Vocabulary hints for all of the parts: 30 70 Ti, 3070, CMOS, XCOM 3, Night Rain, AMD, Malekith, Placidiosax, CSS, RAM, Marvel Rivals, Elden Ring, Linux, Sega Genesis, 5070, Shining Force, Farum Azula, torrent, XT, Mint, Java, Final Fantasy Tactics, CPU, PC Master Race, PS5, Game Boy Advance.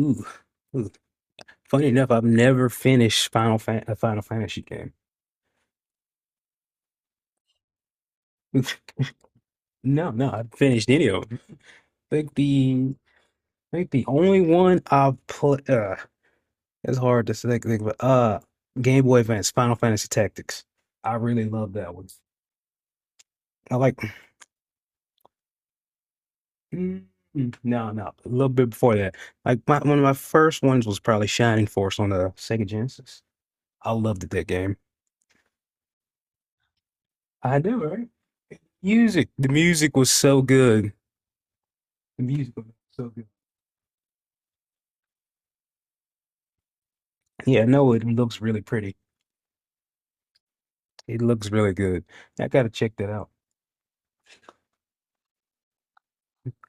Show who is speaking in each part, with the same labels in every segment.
Speaker 1: Ooh, ooh, funny enough, I've never finished a Final Fantasy game. No, no, I've finished any of them. I think the I think the only one I've put it's hard to think but Game Boy Advance Final Fantasy Tactics. I really love that one. I like Mm, no, no, a little bit before that. Like one of my first ones was probably Shining Force on the Sega Genesis. I loved that game. I do, right? The music was so good. The music was so good. Yeah, no, it looks really pretty. It looks really good. I gotta check that out.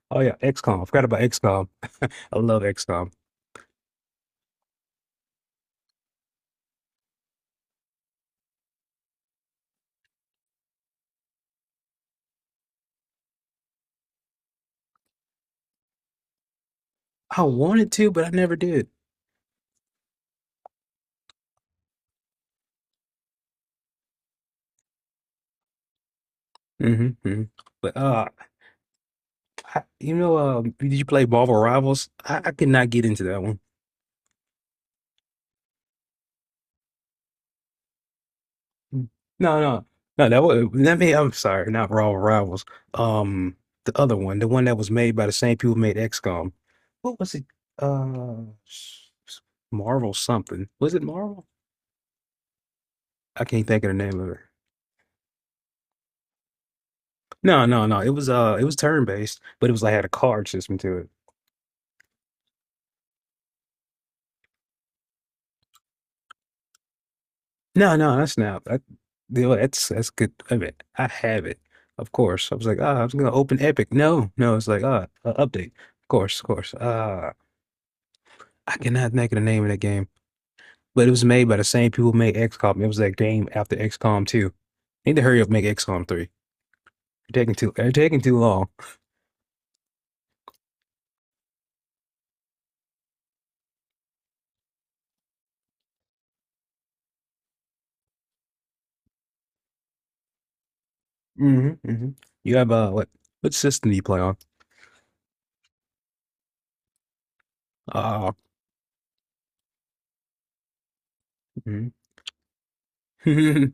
Speaker 1: Oh yeah, XCOM. I forgot about XCOM. I love XCOM. I wanted to, but I never did. Hmm. But did you play Marvel Rivals? I could not get into that one. No, no, no. That was that made. I'm sorry, not Raw Rivals. Um, the other one, the one that was made by the same people who made XCOM. What was it? Uh, s- s- Marvel something. Was it Marvel? I can't think of the name of it. No, no, no. It was turn based, but it was like had a card system to it. No, no, that's not. That's good. I mean, I have it, of course. I was like, ah, I was gonna open Epic. No, no. It's like ah, update. Of course, of course. I cannot think of the name of that game. But it was made by the same people who made XCOM. It was that game after XCOM 2. Need to hurry up and make XCOM 3. You're taking too long. Mm-hmm, mm-hmm. You have what system do you play on? Uh mhm.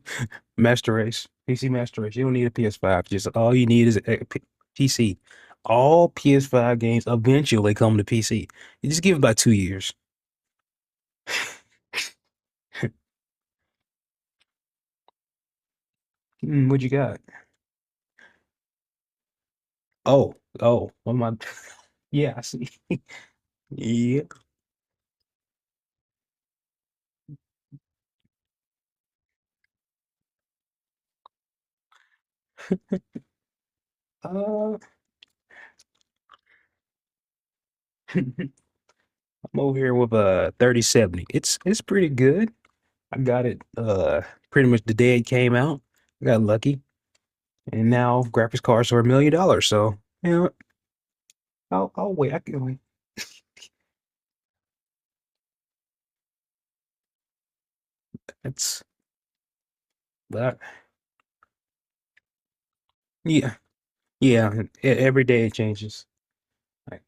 Speaker 1: Master Race. PC Master Race. You don't need a PS5. Just all you need is a PC. All PS5 games eventually come to PC. You just give it about 2 years. Mm, what you got? Oh, oh, what am I? Yeah, I see. Yeah. Uh, I'm over here with a 3070. It's pretty good. I got it pretty much the day it came out. I got lucky. And now graphics cards are $1 million. So you know, I'll wait. I can wait. That's but Yeah. Yeah. Every day it changes. Like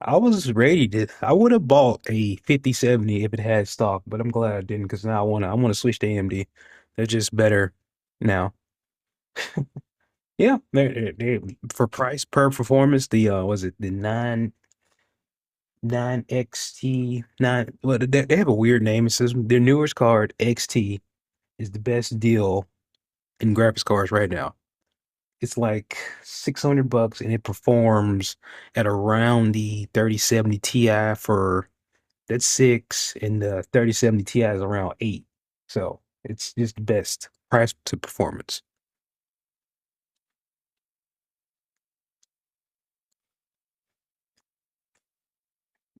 Speaker 1: I was ready to I would have bought a 5070 if it had stock, but I'm glad I didn't because now I wanna switch to AMD. They're just better now. Yeah, they for price per performance, the was it the nine XT nine. Well, they have a weird name. It says their newest card XT is the best deal in graphics cards right now. It's like 600 bucks, and it performs at around the 3070 Ti for that's six, and the 3070 Ti is around eight. So it's just the best price to performance.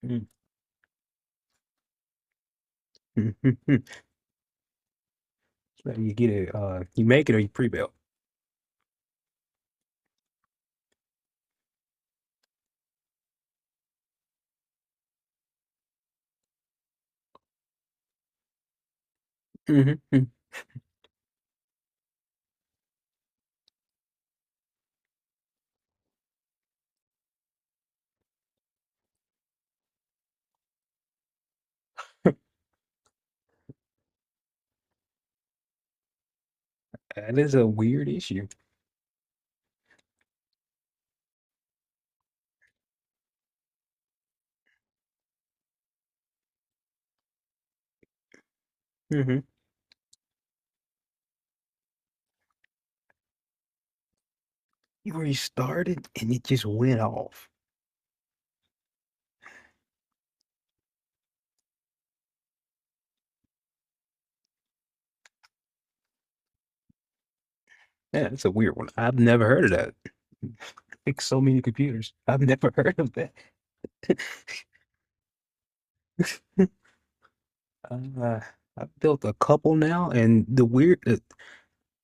Speaker 1: Mm. So you get it, you make it or you pre-build. Mhm. That is a weird issue. Mm-hmm. You restarted and it just went off. Yeah, that's a weird one. I've never heard of that. Like so many computers. I've never heard of that. uh, I've built a couple now, and the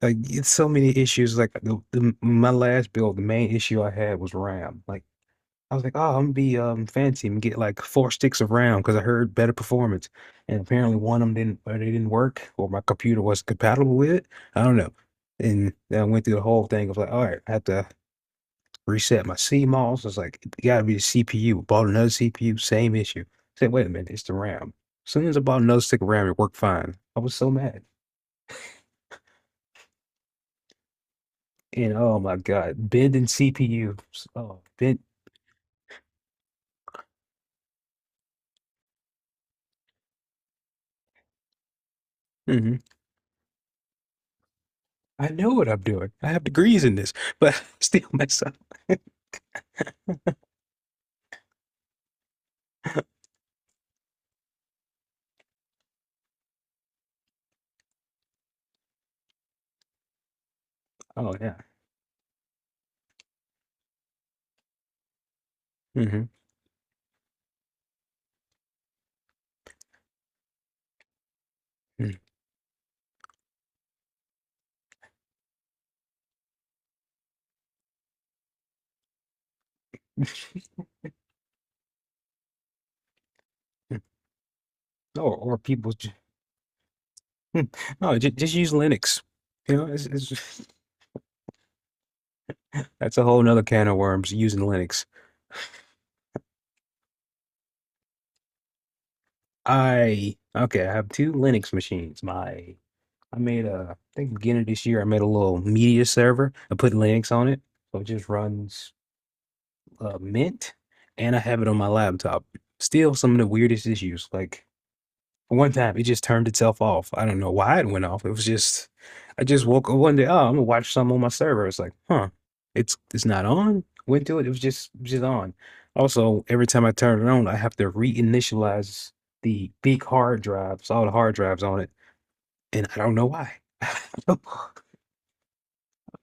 Speaker 1: like it's so many issues. Like the my last build, the main issue I had was RAM. Like I was like, oh, I'm gonna be fancy and get like four sticks of RAM because I heard better performance. And apparently one of them didn't, or they didn't work, or my computer wasn't compatible with it. I don't know. And then I went through the whole thing of like, all right, I have to reset my CMOS. It's like, it gotta be the CPU. Bought another CPU, same issue. I said, wait a minute, it's the RAM. As soon as I bought another stick of RAM, it worked fine. I was so mad. And oh my God, bending CPU. Oh, bend. Hmm. I know what I'm doing. I have degrees in this, but I still mess up. Oh, yeah. Hmm. Or people, hmm, no, just use Linux. You know, just, that's a whole nother can of worms using Linux. I Okay, I have two Linux machines. My I made a, I think beginning of this year, I made a little media server. I put Linux on it, so it just runs Mint, and I have it on my laptop. Still, some of the weirdest issues. Like one time, it just turned itself off. I don't know why it went off. It was just, I just woke up one day. Oh, I'm gonna watch some on my server. It's like, huh, it's not on. Went to it. It was just on. Also, every time I turn it on, I have to reinitialize the big hard drives, all the hard drives on it, and I don't know why.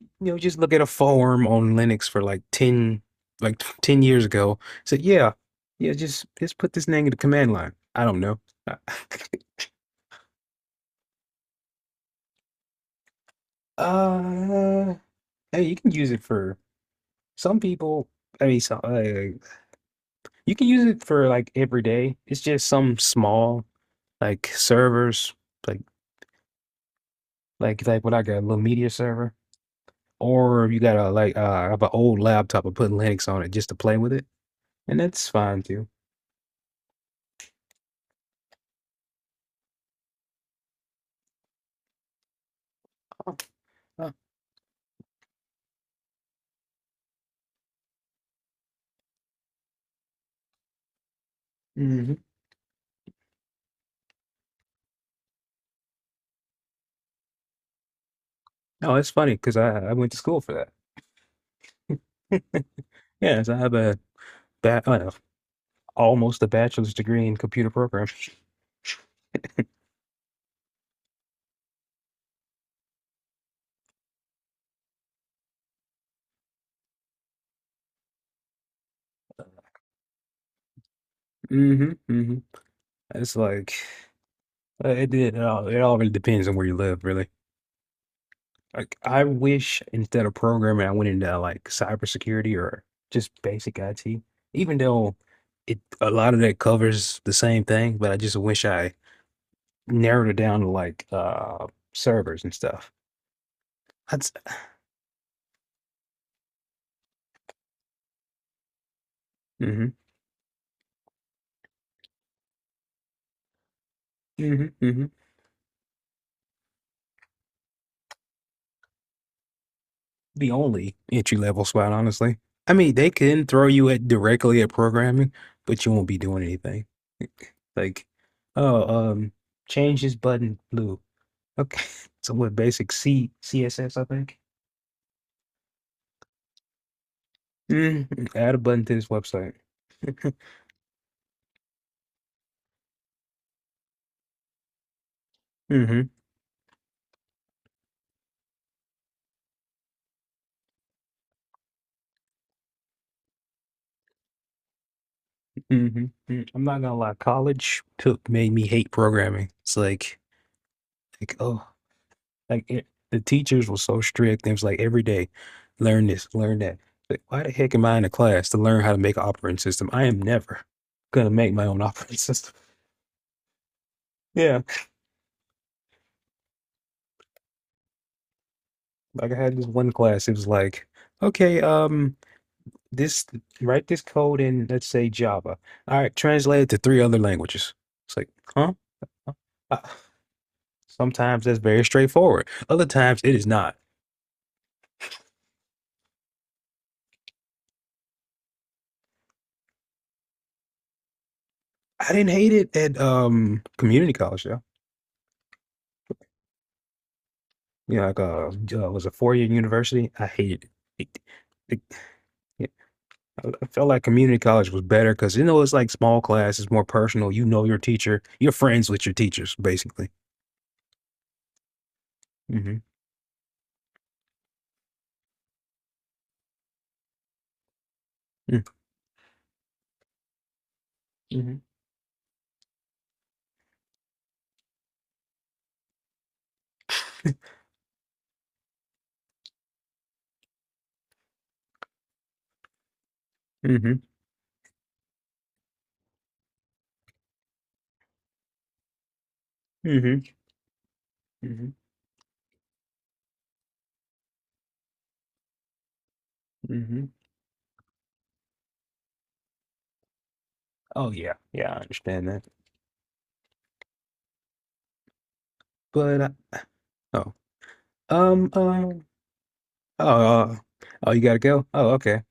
Speaker 1: You know, just look at a forum on Linux for like like 10 years ago. Said, yeah, yeah, just put this thing in the command line. I don't know. uh, hey, you can use it for some people. I mean, you can use it for like every day. It's just some small like servers, like like what I got a little media server, or you got a like I have an old laptop and put Linux on it just to play with it, and that's fine too. Oh, oh, mm. No, it's funny because I went to school for that. Yes, I have a I have almost a bachelor's degree in computer programming. hmm hmm It's like it all really depends on where you live, really. Like I wish instead of programming, I went into like cybersecurity or just basic IT. Even though it a lot of that covers the same thing, but I just wish I narrowed it down to like servers and stuff. That's hmm hmm hmm the only entry level spot, honestly. I mean, they can throw you at directly at programming, but you won't be doing anything. Like, oh, um, change this button blue. Okay, so what? Basic C CSS, I think. Mm, add a button to this website. hmm hmm I'm not gonna lie. College took made me hate programming. It's like, like oh, the teachers were so strict. It was like every day, learn this, learn that. Like, why the heck am I in a class to learn how to make an operating system? I am never gonna make my own operating system. Yeah, like I had this one class. It was like, okay, this write this code in, let's say Java. All right, translate it to three other languages. It's like, huh? Uh, sometimes that's very straightforward. Other times it is not. I didn't hate it at community college. You know, like was a 4-year university. I hated it. It- it- I felt like community college was better because you know it's like small class, it's more personal. You know your teacher, you're friends with your teachers, basically. hmm Mm-hmm. Mm-hmm. Mm-hmm. hmm hmm Oh yeah, yeah, I understand that. But oh, um, um, oh, oh, you gotta go. Oh, okay.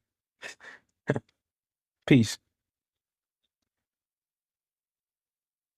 Speaker 1: Peace.